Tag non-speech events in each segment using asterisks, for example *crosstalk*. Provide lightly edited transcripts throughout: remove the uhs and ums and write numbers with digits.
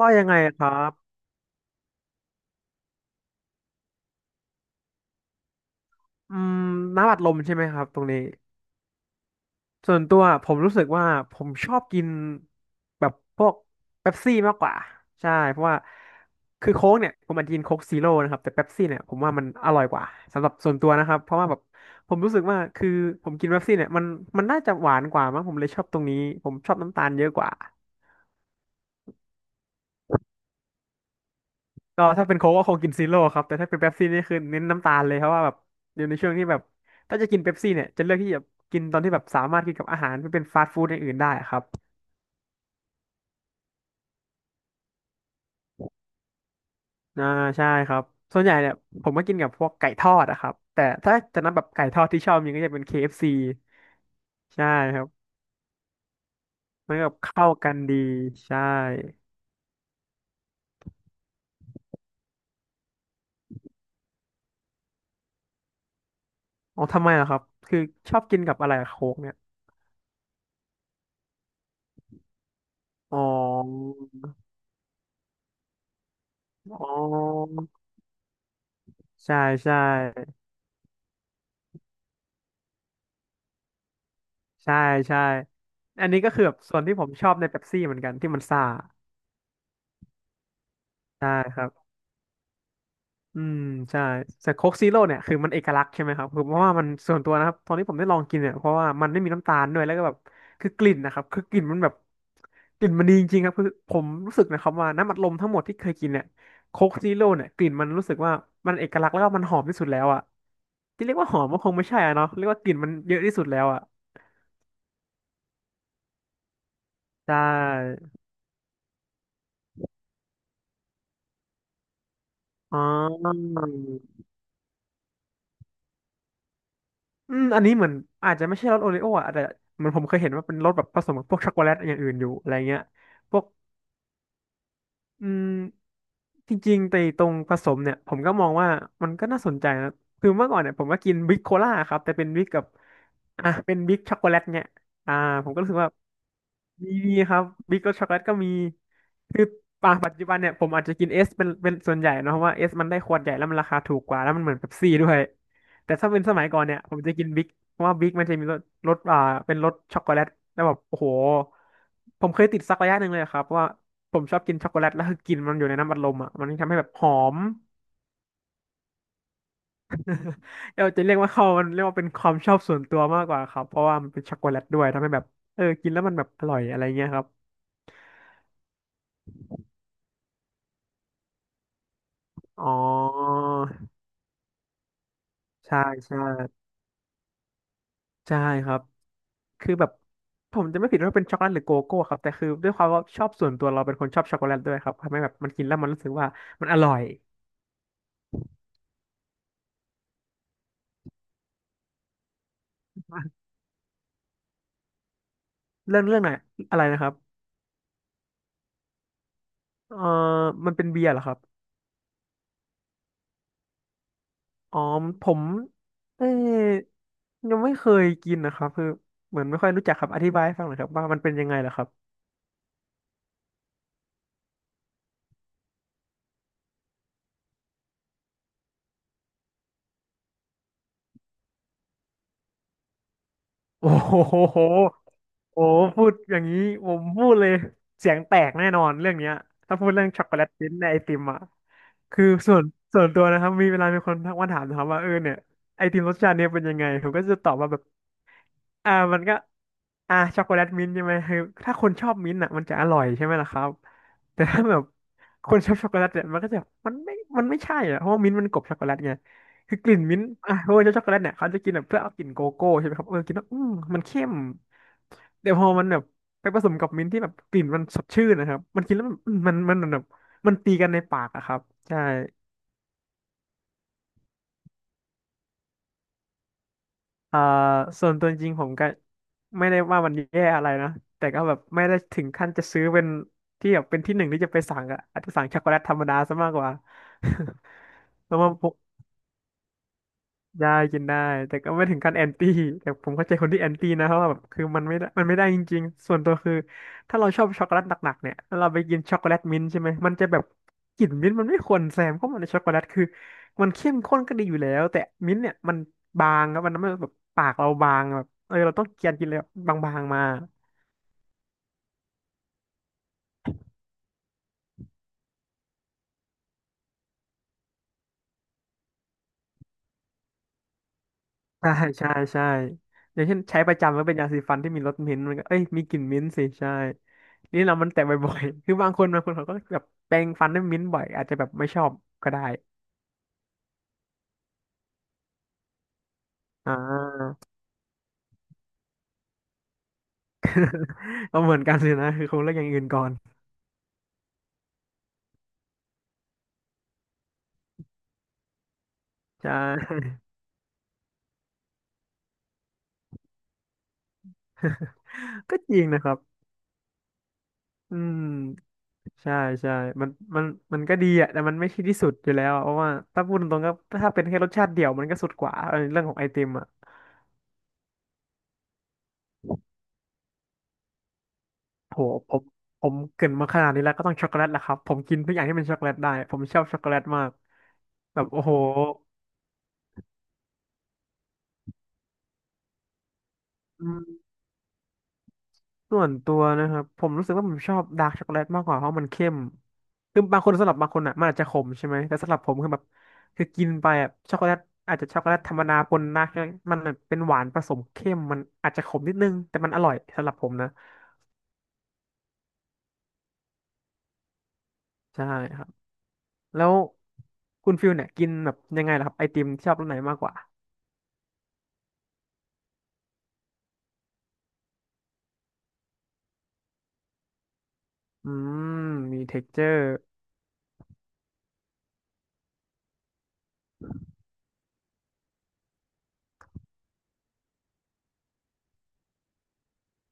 ว่ายังไงครับอืมน้ำอัดลมใช่ไหมครับตรงนี้ ส่วนตัวผมรู้สึกว่าผมชอบกินแบบพวกเป๊ปซี่มากกว่าใช่เพราะว่าคือโค้กเนี่ยผมอาจจะกินโค้กซีโร่นะครับแต่เป๊ปซี่เนี่ยผมว่ามันอร่อยกว่าสำหรับส่วนตัวนะครับ เพราะว่าแบบผมรู้สึกว่าคือผมกินเป๊ปซี่เนี่ยมันน่าจะหวานกว่ามั้งผมเลยชอบตรงนี้ ผมชอบน้ำตาลเยอะกว่า ก็ถ้าเป็นโค้กก็คงกินซีโร่ครับแต่ถ้าเป็นเป๊ปซี่นี่คือเน้นน้ำตาลเลยเพราะว่าแบบอยู่ในช่วงที่แบบถ้าจะกินเป๊ปซี่เนี่ยจะเลือกที่จะกินตอนที่แบบสามารถกินกับอาหารที่เป็นฟาสต์ฟู้ดอย่างอื่นได้ครับอ่าใช่ครับส่วนใหญ่เนี่ยผมก็กินกับพวกไก่ทอดอะครับแต่ถ้าจะนับแบบไก่ทอดที่ชอบมีก็จะเป็น KFC ใช่ครับมันก็แบบเข้ากันดีใช่อ๋อทำไมล่ะครับคือชอบกินกับอะไรอะโค้กเนี่ยอ๋ออ๋อใช่ใช่ ใช่ใช่ อันนี้ก็คือแบบส่วนที่ผมชอบในเป๊ปซี่เหมือนกันที่มันซ่าใช่ครับอืมใช่แต่โค้กซีโร่เนี่ยคือมันเอกลักษณ์ใช่ไหมครับคือเพราะว่ามันส่วนตัวนะครับตอนที่ผมได้ลองกินเนี่ยเพราะว่ามันไม่มีน้ำตาลด้วยแล้วก็แบบคือกลิ่นนะครับคือกลิ่นมันแบบกลิ่นมันดีจริงๆครับคือผมรู้สึกนะครับว่าน้ำอัดลมทั้งหมดที่เคยกินเนี่ยโค้กซีโร่เนี่ยกลิ่นมันรู้สึกว่ามันเอกลักษณ์แล้วก็มันหอมที่สุดแล้วอ่ะที่เรียกว่าหอมก็คงไม่ใช่อะเนาะเรียกว่ากลิ่นมันเยอะที่สุดแล้วอ่ะใช่อ๋อ อืมอันนี้เหมือนอาจจะไม่ใช่รสโอริโออ่ะแต่เหมือนผมเคยเห็นว่าเป็นรสแบบผสมกับพวกช็อกโกแลตอย่างอื่นอยู่อะไรเงี้ยพวก อืมจริงๆแต่ตรงผสมเนี่ยผมก็มองว่ามันก็น่าสนใจนะคือเมื่อก่อนเนี่ยผมก็กินบิ๊กโคล่าครับแต่เป็นบิ๊กกับอ่ะเป็นบิ๊กช็อกโกแลตเนี่ยอ่าผมก็รู้สึกว่ามีดีครับบิ๊กรสช็อกโกแลตก็มีคือปาปัจจุบันเนี่ยผมอาจจะกินเอสเป็นส่วนใหญ่เนอะเพราะว่าเอสมันได้ขวดใหญ่แล้วมันราคาถูกกว่าแล้วมันเหมือนเป๊ปซี่ด้วยแต่ถ้าเป็นสมัยก่อนเนี่ยผมจะกินบิ๊กเพราะว่าบิ๊กมันจะมีรสรสอ่าเป็นรสช็อกโกแลตแล้วแบบโอ้โหผมเคยติดสักระยะหนึ่งเลยครับว่า ผมชอบกินช็อกโกแลตแล้วคือกลินมันอยู่ในน้ำอัดลมอ่ะมันทำให้แบบหอม *laughs* เราจะเรียกว่าเขามันเรียกว่าเป็นความชอบส่วนตัวมากกว่าครับเพราะว่ามันเป็นช็อกโกแลตด้วยทำให้แบบเออกินแล้วมันแบบอร่อยอะไรเงี้ยครับอ๋อใช่ใช่ใช่ครับคือแบบผมจะไม่ผิดว่าเป็นช็อกโกแลตหรือโกโก้ครับแต่คือด้วยความว่าชอบส่วนตัวเราเป็นคนชอบช็อกโกแลตด้วยครับทำให้แบบมันกินแล้วมันรู้สึกว่ามันอร่อยเรื่องไหนอะไรนะครับเออมันเป็นเบียร์เหรอครับ อ๋อผมเอ้ยยังไม่เคยกินนะครับคือเหมือนไม่ค่อยรู้จักครับอธิบายให้ฟังหน่อยครับว่ามันเป็นยังไงเหรอครับ โอ้โหโอ้โหพูดอย่างนี้ผมพูดเลยเสียงแตกแน่นอนเรื่องเนี้ยถ้าพูดเรื่องช็อกโกแลตชิ้นในไอติมอ่ะคือส่วนตัวนะครับมีเวลามีคนทักมาถามนะครับว่าเออเนี่ยไอติมรสชาติเนี่ยเป็นยังไงผมก็จะตอบว่าแบบอ่ามันก็อ่าช็อกโกแลตมิ้นท์ใช่ไหมคือถ้าคนชอบมิ้นท์อ่ะมันจะอร่อยใช่ไหมล่ะครับแต่ถ้าแบบคนชอบช็อกโกแลตเนี่ยมันก็จะมันไม่มันไม่ใช่อ่ะเพราะว่ามิ้นท์มันกลบช็อกโกแลตไง คือกลิ่นมิ้นท์อ่ะโรยเจ้าช็อกโกแลตเนี่ยเขาจะกินแบบเพื่อเอากลิ่นโกโก้ใช่ไหมครับเออกินแล้วมันเข้มแต่พอมันแบบไปผสมกับมิ้นท์ที่แบบกลิ่นมันสดชื่นนะครับมันกินแล้วมันแบบมันตีกันในปากอะครับใช่อ่าส่วนตัวจริงผมก็ไม่ได้ว่ามันแย่อะไรนะแต่ก็แบบไม่ได้ถึงขั้นจะซื้อเป็นที่แบบเป็นที่หนึ่งที่จะไปสั่งอะอาจจะสั่งช็อกโกแลตธรรมดาซะมากกว่า *laughs* แล้วมา ได้กินได้แต่ก็ไม่ถึงขั้นแอนตี้แต่ผมเข้าใจคนที่แอนตี้นะเพราะว่าแบบคือมันไม่ได้จริงๆส่วนตัวคือถ้าเราชอบช็อกโกแลตหนักๆเนี่ยแล้วเราไปกินช็อกโกแลตมิ้นท์ใช่ไหมมันจะแบบกลิ่นมิ้นท์มันไม่ควรแซมเข้ามาในช็อกโกแลตคือมันเข้มข้นก็ดีอยู่แล้วแต่มิ้นท์เนี่ยมันบางครับมันทำให้แบบปากเราบางแบบเออเราต้องเคี้ยนกินเลยบางๆมาใช่ใช่ใช่อย่างเช่นใช้ประจำก็เป็นยาสีฟันที่มีรสมิ้นท์มันก็เอ้ยมีกลิ่นมิ้นท์สิใช่ นี่เรามันแตะบ่อยๆ *laughs* คือบางคนเขาก็แบบแปรงฟันด้วยมิ้นท์บ่อย อาจจะแบบไม่ชอบก็ได้อ่า *laughs* ก็เหมือนกันเลยนะ คือคงเลือกอย่างอื่นก่อนใช่ *laughs* ก็จริงนะครับ อืมใช่ใช่มันมันมันก็ดีอะแต่มันไม่ใช่ที่สุดอยู่แล้วอะเพราะว่าถ้าพูดตรงๆก็ถ้าเป็นแค่รสชาติเดียวมันก็สุดกว่าเออเรื่องของไอติมอะโห ผมผมเกรินมาขนาดนี้แล้วก็ต้องช็อกโกแลตแหละครับผมกินทุกอย่างที่เป็นช็อกโกแลตได้ผมชอบช็อกโกแลตมากแบบโอ้โห ส่วนตัวนะครับผมรู้สึกว่าผมชอบดาร์กช็อกโกแลตมากกว่าเพราะมันเข้มคือบางคนสำหรับบางคนอ่ะมันอาจจะขมใช่ไหมแต่สำหรับผมคือแบบคือกินไปอ่ะช็อกโกแลตอาจจะช็อกโกแลตธรรมดาปนดาร์กมันเป็นหวานผสมเข้มมันอาจจะขมนิดนึงแต่มันอร่อยสำหรับผมนะใช่ครับแล้วคุณฟิลเนี่ยกินแบบยังไงล่ะครับไอติมชอบรสไหนมากกว่าอืมมีเท็กเจอร์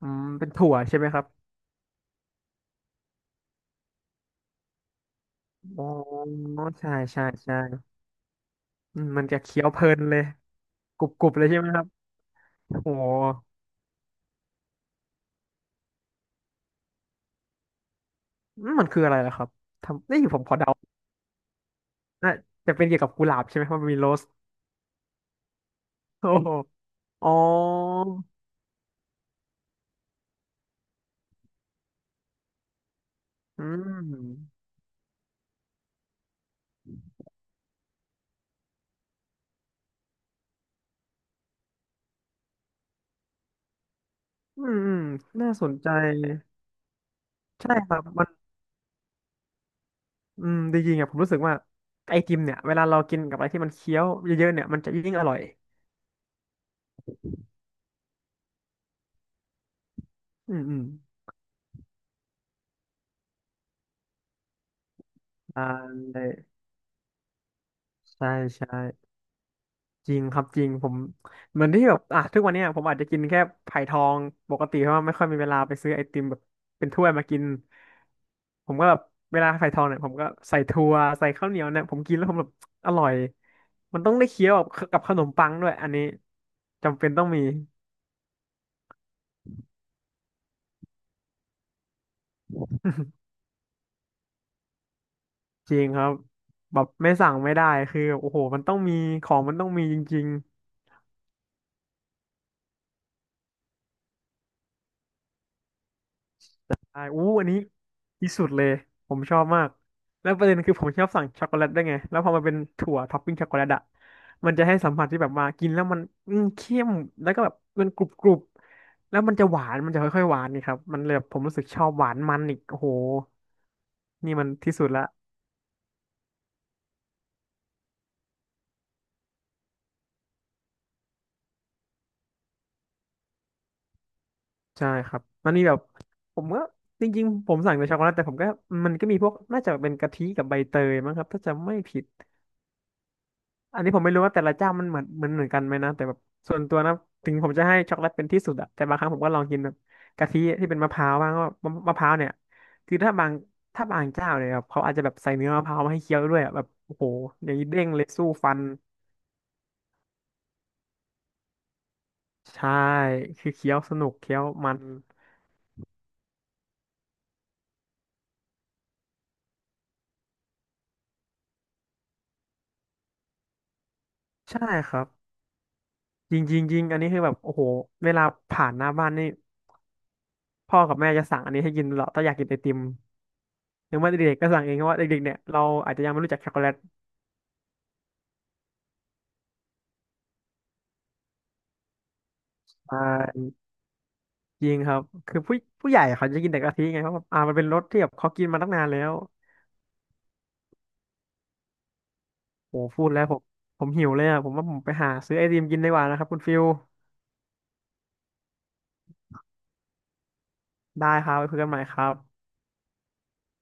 อืมเป็นถั่วใช่ไหมครับอ๋อใช่ใช่ใช่อืมมันจะเคี้ยวเพลินเลยกรุบๆเลยใช่ไหมครับโอ้โห อืมมันคืออะไรล่ะครับทำนี่ผมขอเดาน่าจะเป็นเกี่ยวกับกุหลาบใช่ไหมเพราะมันมีโรส โอ้โหอ๋ออืมอืม อืม น่าสนใจ ใช่ครับ มันอืมจริงๆอ่ะผมรู้สึกว่าไอติมเนี่ยเวลาเรากินกับอะไรที่มันเคี้ยวเยอะๆเนี่ยมันจะยิ่งอร่อย อืม อืมอ่าใช่ใช่ จริงครับจริงผมเหมือนที่แบบอ่ะทุกวันเนี้ยผมอาจจะกินแค่ไผ่ทองปกติเพราะว่าไม่ค่อยมีเวลาไปซื้อไอติมแบบเป็นถ้วยมากินผมก็แบบเวลาไผ่ทองเนี่ยผมก็ใส่ถั่วใส่ข้าวเหนียวเนี่ยผมกินแล้วผมแบบอร่อยมันต้องได้เคี้ยวกับกับขนมปังด้วยอันนี้จำเป็นต้องมีจริงครับแบบไม่สั่งไม่ได้คือโอ้โหมันต้องมีของมันต้องมีจริง ใช่อู้อันนี้ที่สุดเลยผมชอบมากแล้วประเด็นคือผมชอบสั่งช็อกโกแลตได้วยไงแล้วพอมันเป็นถั่วท็อปปิ้งช็อกโกแลตอะมันจะให้สัมผัสที่แบบว่ากินแล้วมันอืมเข้มแล้วก็แบบมันกรุบกรุบแล้วมันจะหวานมันจะค่อยๆหวานนี่ครับมันเลยแบบผมรู้สึกชอบหวานมันอีกโอ้โหนี่มันที่สุดละใช่ครับมันมีแบบผมก็จริงๆผมสั่งแต่ช็อกโกแลตแต่ผมก็มันก็มีพวกน่าจะเป็นกะทิกับใบเตยมั้งครับถ้าจำไม่ผิด อันนี้ผมไม่รู้ว่าแต่ละเจ้ามันเหมือนกันไหมนะแต่แบบส่วนตัวนะถึงผมจะให้ช็อกโกแลตเป็นที่สุดอะแต่บางครั้งผมก็ลองกินแบบกะทิที่เป็นมะพร้าวบ้างว่ามะมะพร้าวเนี่ยคือถ้าบางเจ้าเนี่ยแบบเขาอาจจะแบบใส่เนื้อมะพร้าวมาให้เคี้ยวด้วยอะแบบโอ้โหอย่างนี้เด้งเลยสู้ฟันใช่คือเคี้ยวสนุกเคี้ยวมันใช่ครับจริงจริงจริงอันนี้คือแบบโอ้โหเวลาผ่านหน้าบ้านนี่พ่อกับแม่จะสั่งอันนี้ให้กินตลอดถ้าอยากกินไอติมหรือว่าเด็กๆก็สั่งเองเพราะว่าเด็กๆเนี่ยเราอาจจะยังไม่รู้จักช็อกโกแลต จริงครับ คือผู้ใหญ่เขาจะกินแต่กะทิไงเพราะแบบอ่ามันเป็นรสที่แบบเขากินมาตั้งนานแล้ว โอ้พูดแล้วผม ผมหิวเลยอ่ะผมว่าผมไปหาซื้อไอติมกินดีกว่านะครับคุณฟิลได้ครับไปคุยกันใหม่ครับ